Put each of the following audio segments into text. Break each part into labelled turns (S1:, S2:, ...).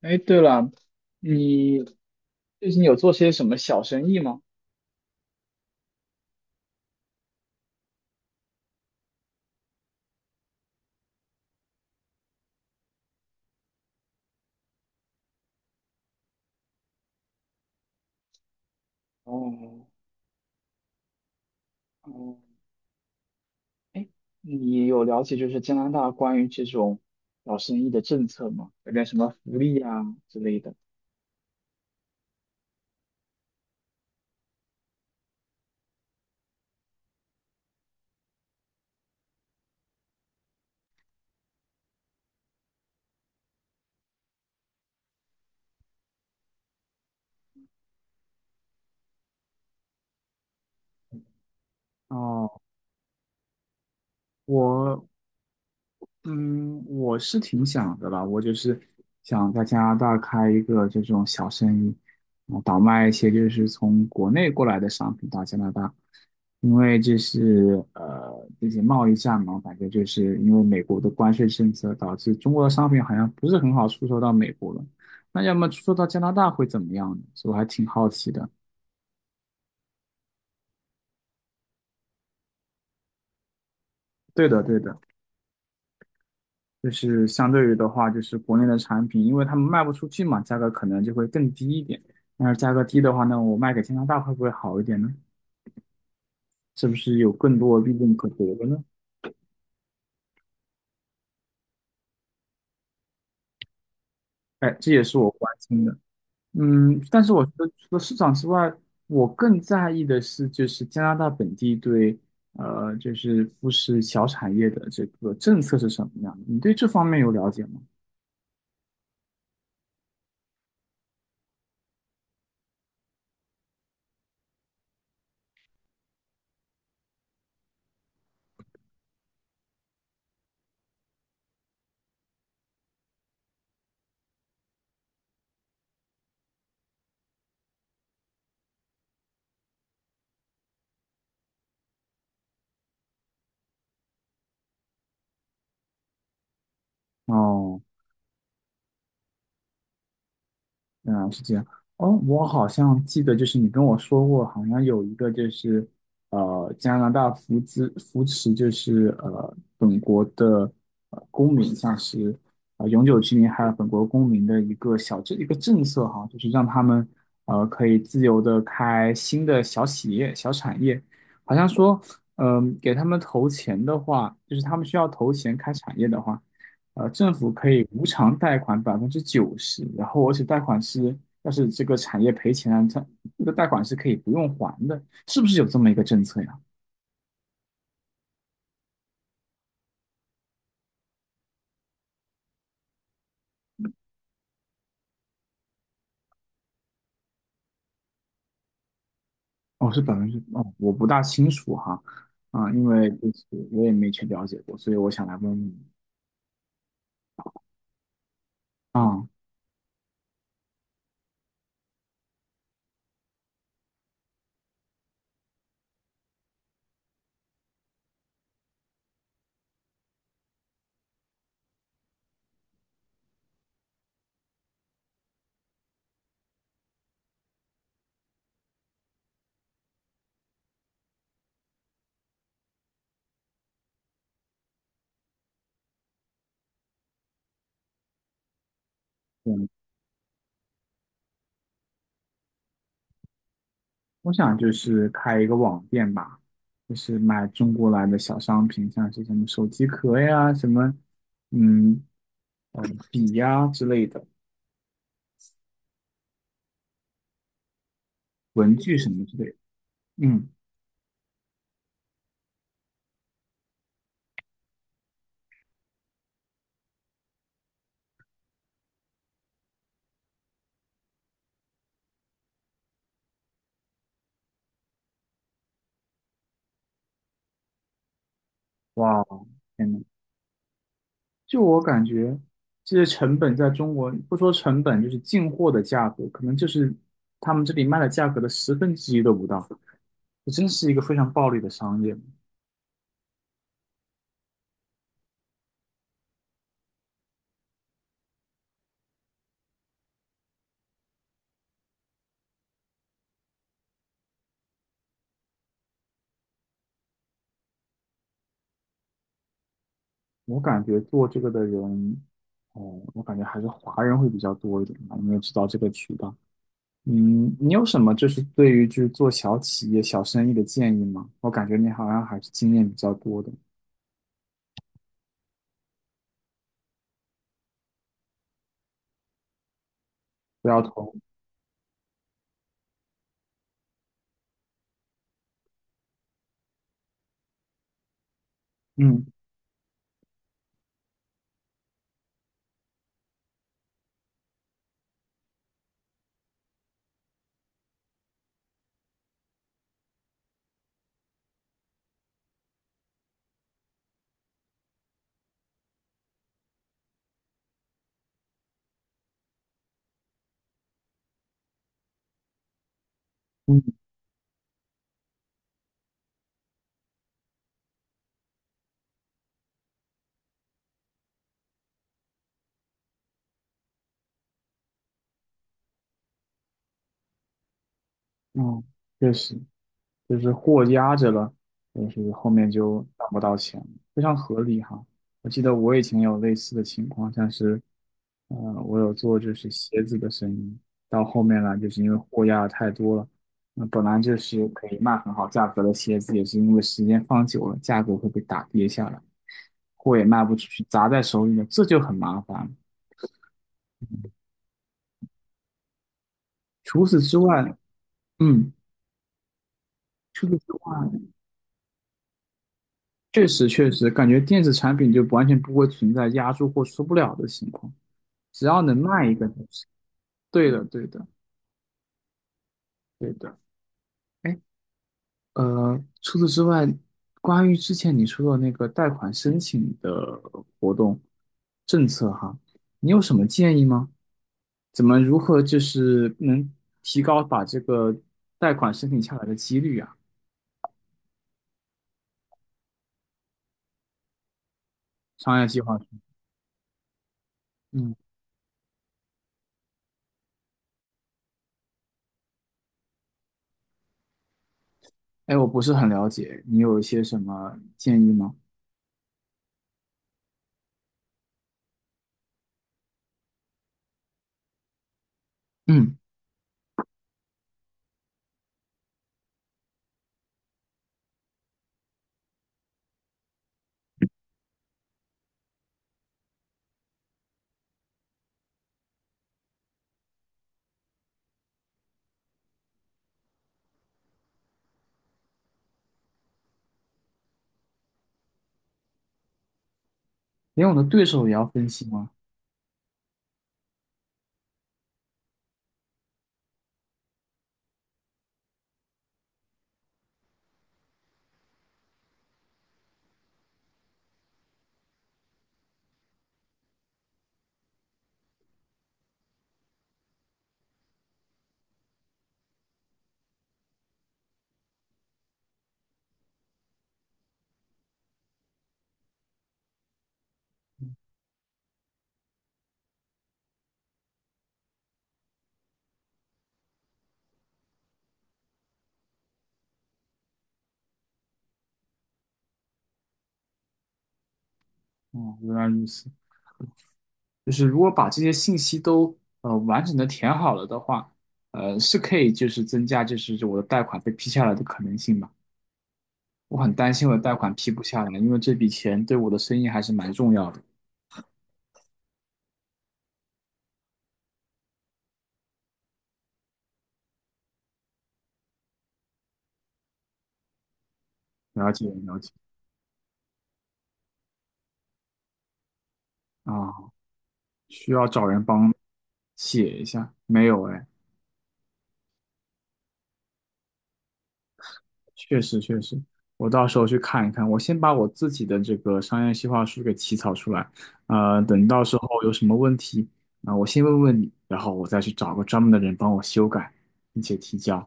S1: 哎，对了，你最近有做些什么小生意吗？哦，哦，哎，你有了解加拿大关于这种小生意的政策吗？有点什么福利啊之类的？哦，我嗯，我是挺想的吧，我就是想在加拿大开一个这种小生意，啊，倒卖一些就是从国内过来的商品到加拿大，因为这是这些贸易战嘛，感觉就是因为美国的关税政策导致中国的商品好像不是很好出售到美国了，那要么出售到加拿大会怎么样呢？所以我还挺好奇的。对的，对的。就是相对于的话，就是国内的产品，因为他们卖不出去嘛，价格可能就会更低一点。那价格低的话呢，我卖给加拿大会不会好一点呢？是不是有更多利润可得的呢？哎，这也是我关心的。嗯，但是我觉得除了市场之外，我更在意的是就是加拿大本地对就是富士小产业的这个政策是什么样的？你对这方面有了解吗？哦。嗯，是这样。哦，我好像记得，就是你跟我说过，好像有一个就是，呃，加拿大扶资扶持，就是呃，本国的公民，像是永久居民还有本国公民的一个政策哈，就是让他们可以自由的开新的小企业、小产业，好像说，嗯、给他们投钱的话，就是他们需要投钱开产业的话。呃，政府可以无偿贷款90%，然后而且贷款是，要是这个产业赔钱了，它这个贷款是可以不用还的，是不是有这么一个政策呀？哦，是百分之，哦，我不大清楚哈，啊，因为就是我也没去了解过，所以我想来问问你啊，嗯，我想就是开一个网店吧，就是卖中国来的小商品，像是什么手机壳呀，什么，嗯，呃，笔呀之类的，文具什么之类的，嗯。哇哦，天呐，就我感觉，这些成本在中国不说成本，就是进货的价格，可能就是他们这里卖的价格的1/10都不到。这真是一个非常暴利的商业。我感觉做这个的人，哦，我感觉还是华人会比较多一点吧，因为知道这个渠道。嗯，你有什么就是对于就是做小企业、小生意的建议吗？我感觉你好像还是经验比较多的，不要投。嗯嗯哦，确实。就是货压着了，就是后面就拿不到钱了非常合理哈。我记得我以前有类似的情况，像是，呃，我有做就是鞋子的生意，到后面来就是因为货压的太多了，那本来就是可以卖很好价格的鞋子，也是因为时间放久了，价格会被打跌下来，货也卖不出去，砸在手里了，这就很麻烦。除此之外，嗯，除此之外，确实确实感觉电子产品就完全不会存在压住货出不了的情况。只要能卖一个东西对的，对的，对的。哎，除此之外，关于之前你说的那个贷款申请的活动政策哈，你有什么建议吗？怎么如何就是能提高把这个贷款申请下来的几率啊？商业计划书，嗯，哎，我不是很了解，你有一些什么建议吗？嗯，连我的对手也要分析吗？哦，原来如此。就是如果把这些信息都完整的填好了的话，是可以就是增加就是我的贷款被批下来的可能性吧。我很担心我的贷款批不下来，因为这笔钱对我的生意还是蛮重要的。了解了解啊，需要找人帮写一下，没有哎。确实确实，我到时候去看一看。我先把我自己的这个商业计划书给起草出来，呃，等到时候有什么问题，啊、我先问问你，然后我再去找个专门的人帮我修改，并且提交。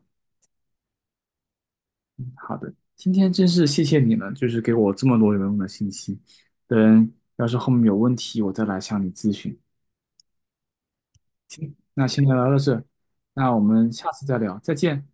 S1: 好的，今天真是谢谢你了，就是给我这么多有用的信息。等要是后面有问题，我再来向你咨询。那先聊到这，那我们下次再聊，再见。